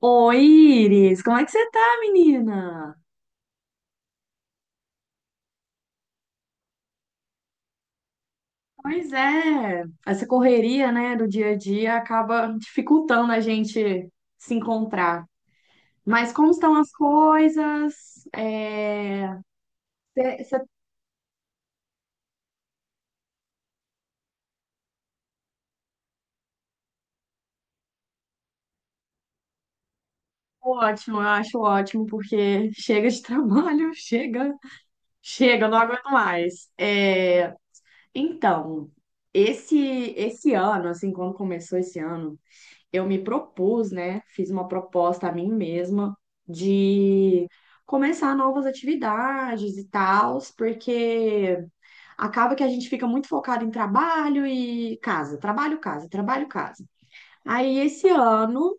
Oi, Iris, como é que você tá, menina? Pois é, essa correria, né, do dia a dia acaba dificultando a gente se encontrar. Mas como estão as coisas? É... tá ótimo, eu acho ótimo, porque chega de trabalho, chega, chega, eu não aguento mais. Então, esse, esse ano, assim, quando começou esse ano, eu me propus, né? Fiz uma proposta a mim mesma de começar novas atividades e tals, porque acaba que a gente fica muito focado em trabalho e casa, trabalho, casa, trabalho, casa. Aí esse ano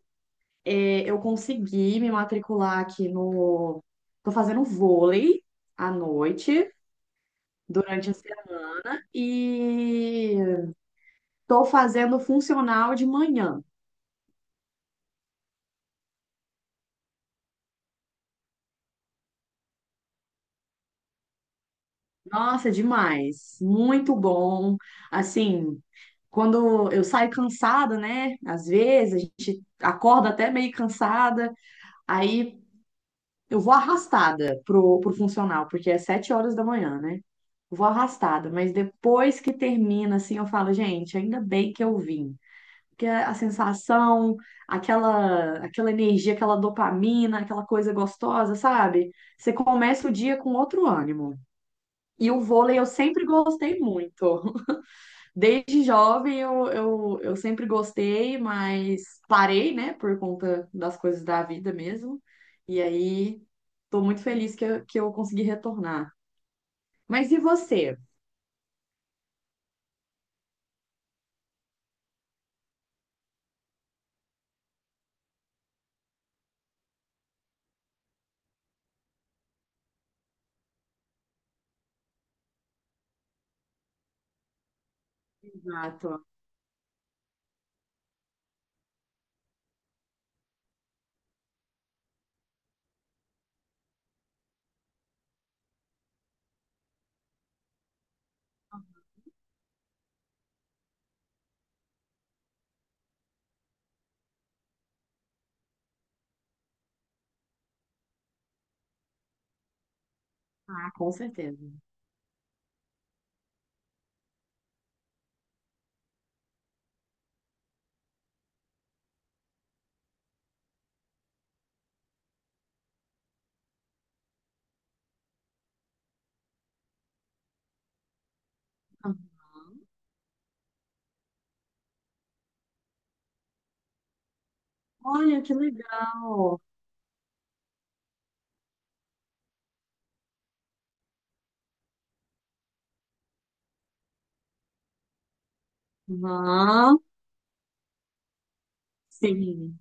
eu consegui me matricular aqui no. Tô fazendo vôlei à noite, durante a semana, e tô fazendo funcional de manhã. Nossa, é demais. Muito bom. Assim, quando eu saio cansada, né? Às vezes a gente acorda até meio cansada, aí eu vou arrastada pro funcional, porque é 7 horas da manhã, né? Eu vou arrastada, mas depois que termina, assim, eu falo, gente, ainda bem que eu vim. Porque a sensação, aquela energia, aquela dopamina, aquela coisa gostosa, sabe? Você começa o dia com outro ânimo. E o vôlei eu sempre gostei muito. Desde jovem eu sempre gostei, mas parei, né, por conta das coisas da vida mesmo. E aí tô muito feliz que eu consegui retornar. Mas e você? Exato. Ah, com certeza. Olha, que legal. Aham, sim.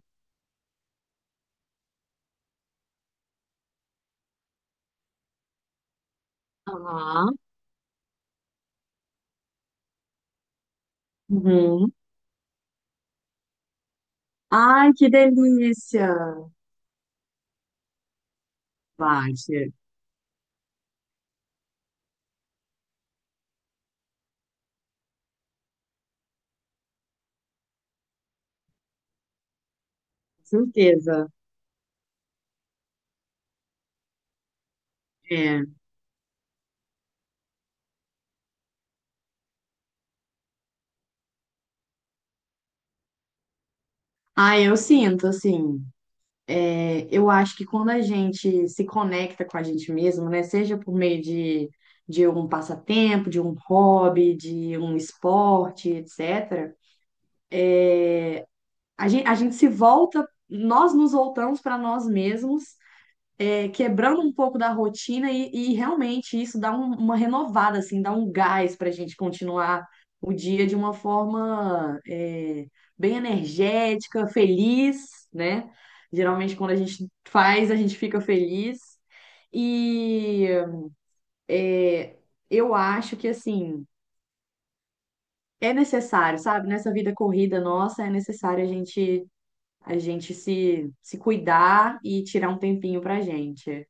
Aham. Uhum. Ai, que delícia. Bate, certeza. É. Ah, eu sinto, assim. É, eu acho que quando a gente se conecta com a gente mesmo, né, seja por meio de um passatempo, de um hobby, de um esporte, etc., a gente se volta, nós nos voltamos para nós mesmos quebrando um pouco da rotina e realmente isso dá uma renovada, assim, dá um gás para a gente continuar o dia de uma forma bem energética, feliz, né? Geralmente quando a gente faz, a gente fica feliz. E é, eu acho que assim é necessário, sabe? Nessa vida corrida nossa é necessário a gente se cuidar e tirar um tempinho pra gente.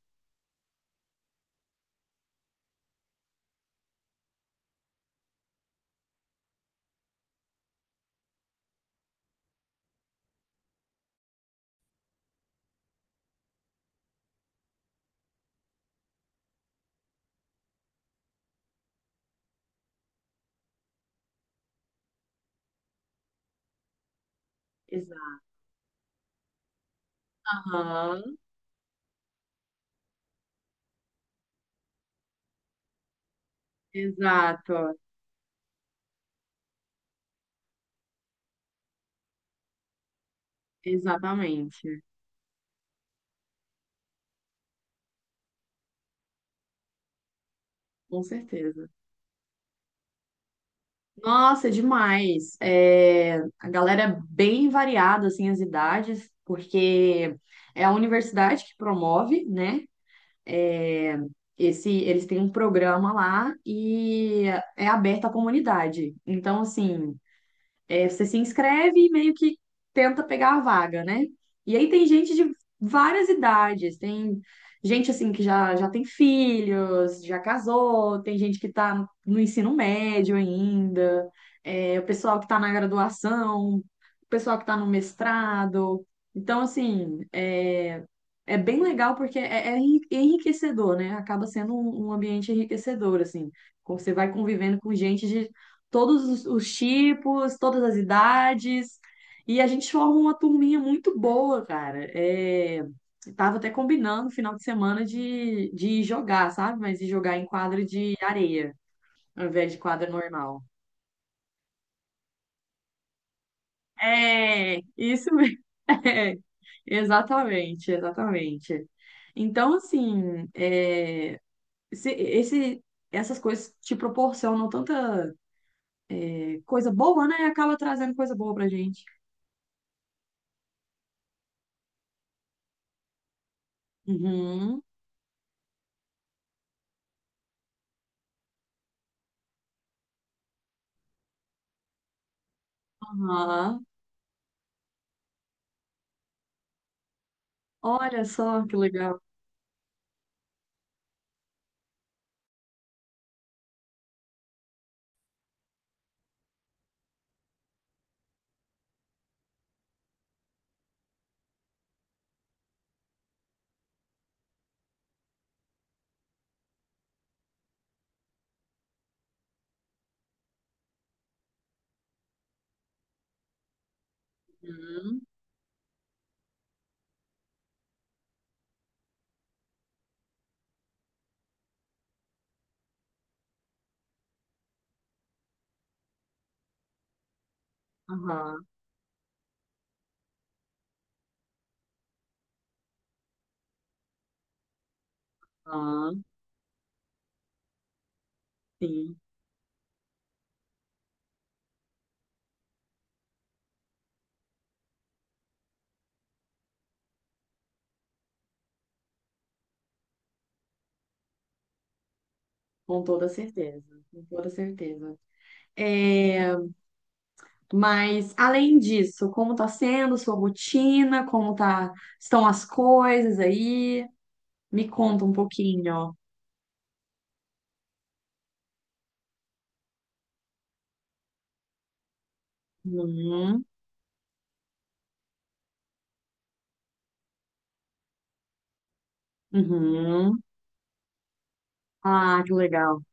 Exato. Exato, exatamente, com certeza. Nossa, é demais. É, a galera é bem variada, assim, as idades, porque é a universidade que promove, né? É, eles têm um programa lá e é aberto à comunidade. Então, assim, é, você se inscreve e meio que tenta pegar a vaga, né? E aí tem gente de várias idades, tem gente assim que já tem filhos, já casou, tem gente que tá no ensino médio ainda, é, o pessoal que tá na graduação, o pessoal que tá no mestrado. Então, assim, é bem legal porque é enriquecedor, né? Acaba sendo um ambiente enriquecedor, assim. Você vai convivendo com gente de todos os tipos, todas as idades. E a gente forma uma turminha muito boa, cara. É, tava até combinando final de semana de ir jogar, sabe? Mas de jogar em quadra de areia, ao invés de quadra normal. É, isso mesmo. É, exatamente, exatamente. Então, assim, é, se- esse, essas coisas te proporcionam tanta coisa boa, né? Acaba trazendo coisa boa pra gente. Uhum. Aham. Olha só que legal. Uhum. Aham. Aham. Sim, com toda certeza. Com toda certeza. É, mas além disso, como tá sendo sua rotina? Como tá, estão as coisas aí? Me conta um pouquinho. Uhum. Uhum. Ah, que legal.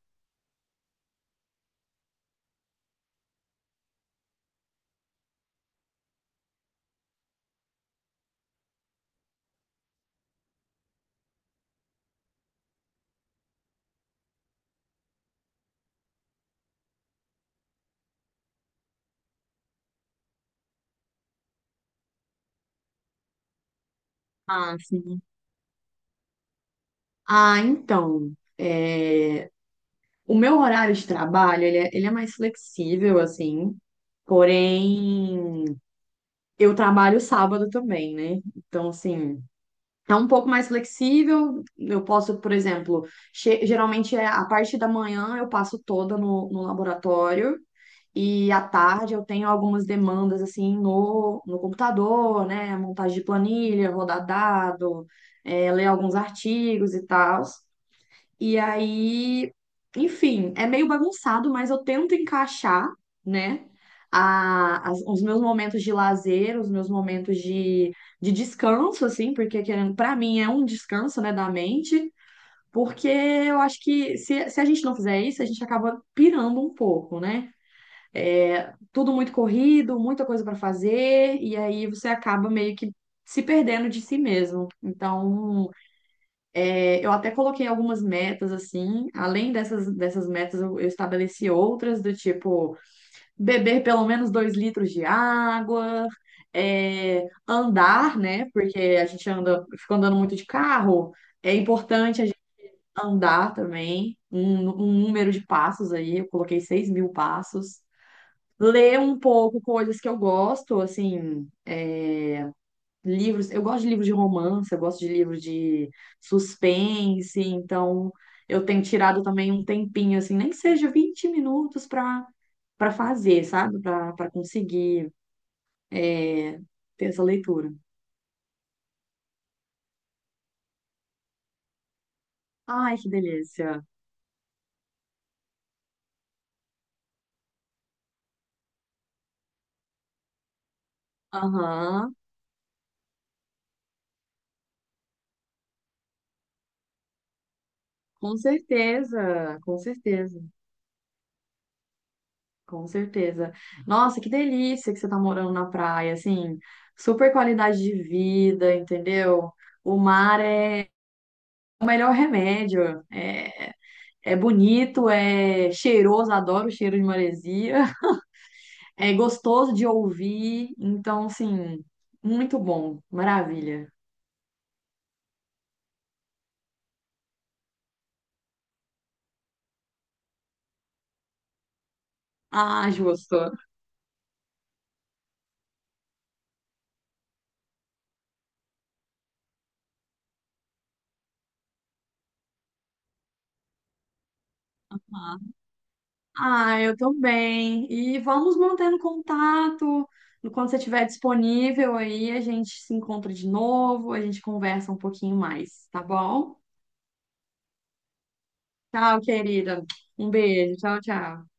Ah, sim. Ah, então, é, o meu horário de trabalho, ele é mais flexível, assim. Porém, eu trabalho sábado também, né? Então, assim, é um pouco mais flexível. Eu posso, por exemplo, geralmente é a parte da manhã eu passo toda no laboratório e à tarde eu tenho algumas demandas, assim, no computador, né? Montagem de planilha, rodar dado, ler alguns artigos e tal. E aí, enfim, é meio bagunçado, mas eu tento encaixar, né? Os meus momentos de lazer, os meus momentos de descanso, assim, porque querendo, para mim é um descanso, né, da mente, porque eu acho que se a gente não fizer isso, a gente acaba pirando um pouco, né? É, tudo muito corrido, muita coisa para fazer, e aí você acaba meio que se perdendo de si mesmo. Então. Eu até coloquei algumas metas assim, além dessas metas, eu estabeleci outras do tipo beber pelo menos 2 litros de água, é, andar, né? Porque a gente anda, fica andando muito de carro, é importante a gente andar também, um número de passos aí, eu coloquei 6 mil passos, ler um pouco coisas que eu gosto, assim livros. Eu gosto de livros de romance, eu gosto de livros de suspense, então eu tenho tirado também um tempinho, assim, nem que seja 20 minutos para fazer, sabe? Para conseguir é, ter essa leitura. Ai, que delícia! Aham, com certeza, com certeza, com certeza. Nossa, que delícia que você tá morando na praia, assim, super qualidade de vida, entendeu? O mar é o melhor remédio. é, É bonito, é cheiroso, adoro o cheiro de maresia. É gostoso de ouvir, então, assim, muito bom, maravilha. Ah, Ju, gostou. Ah, eu também. E vamos mantendo contato. Quando você estiver disponível aí, a gente se encontra de novo, a gente conversa um pouquinho mais, tá bom? Tchau, querida. Um beijo. Tchau, tchau.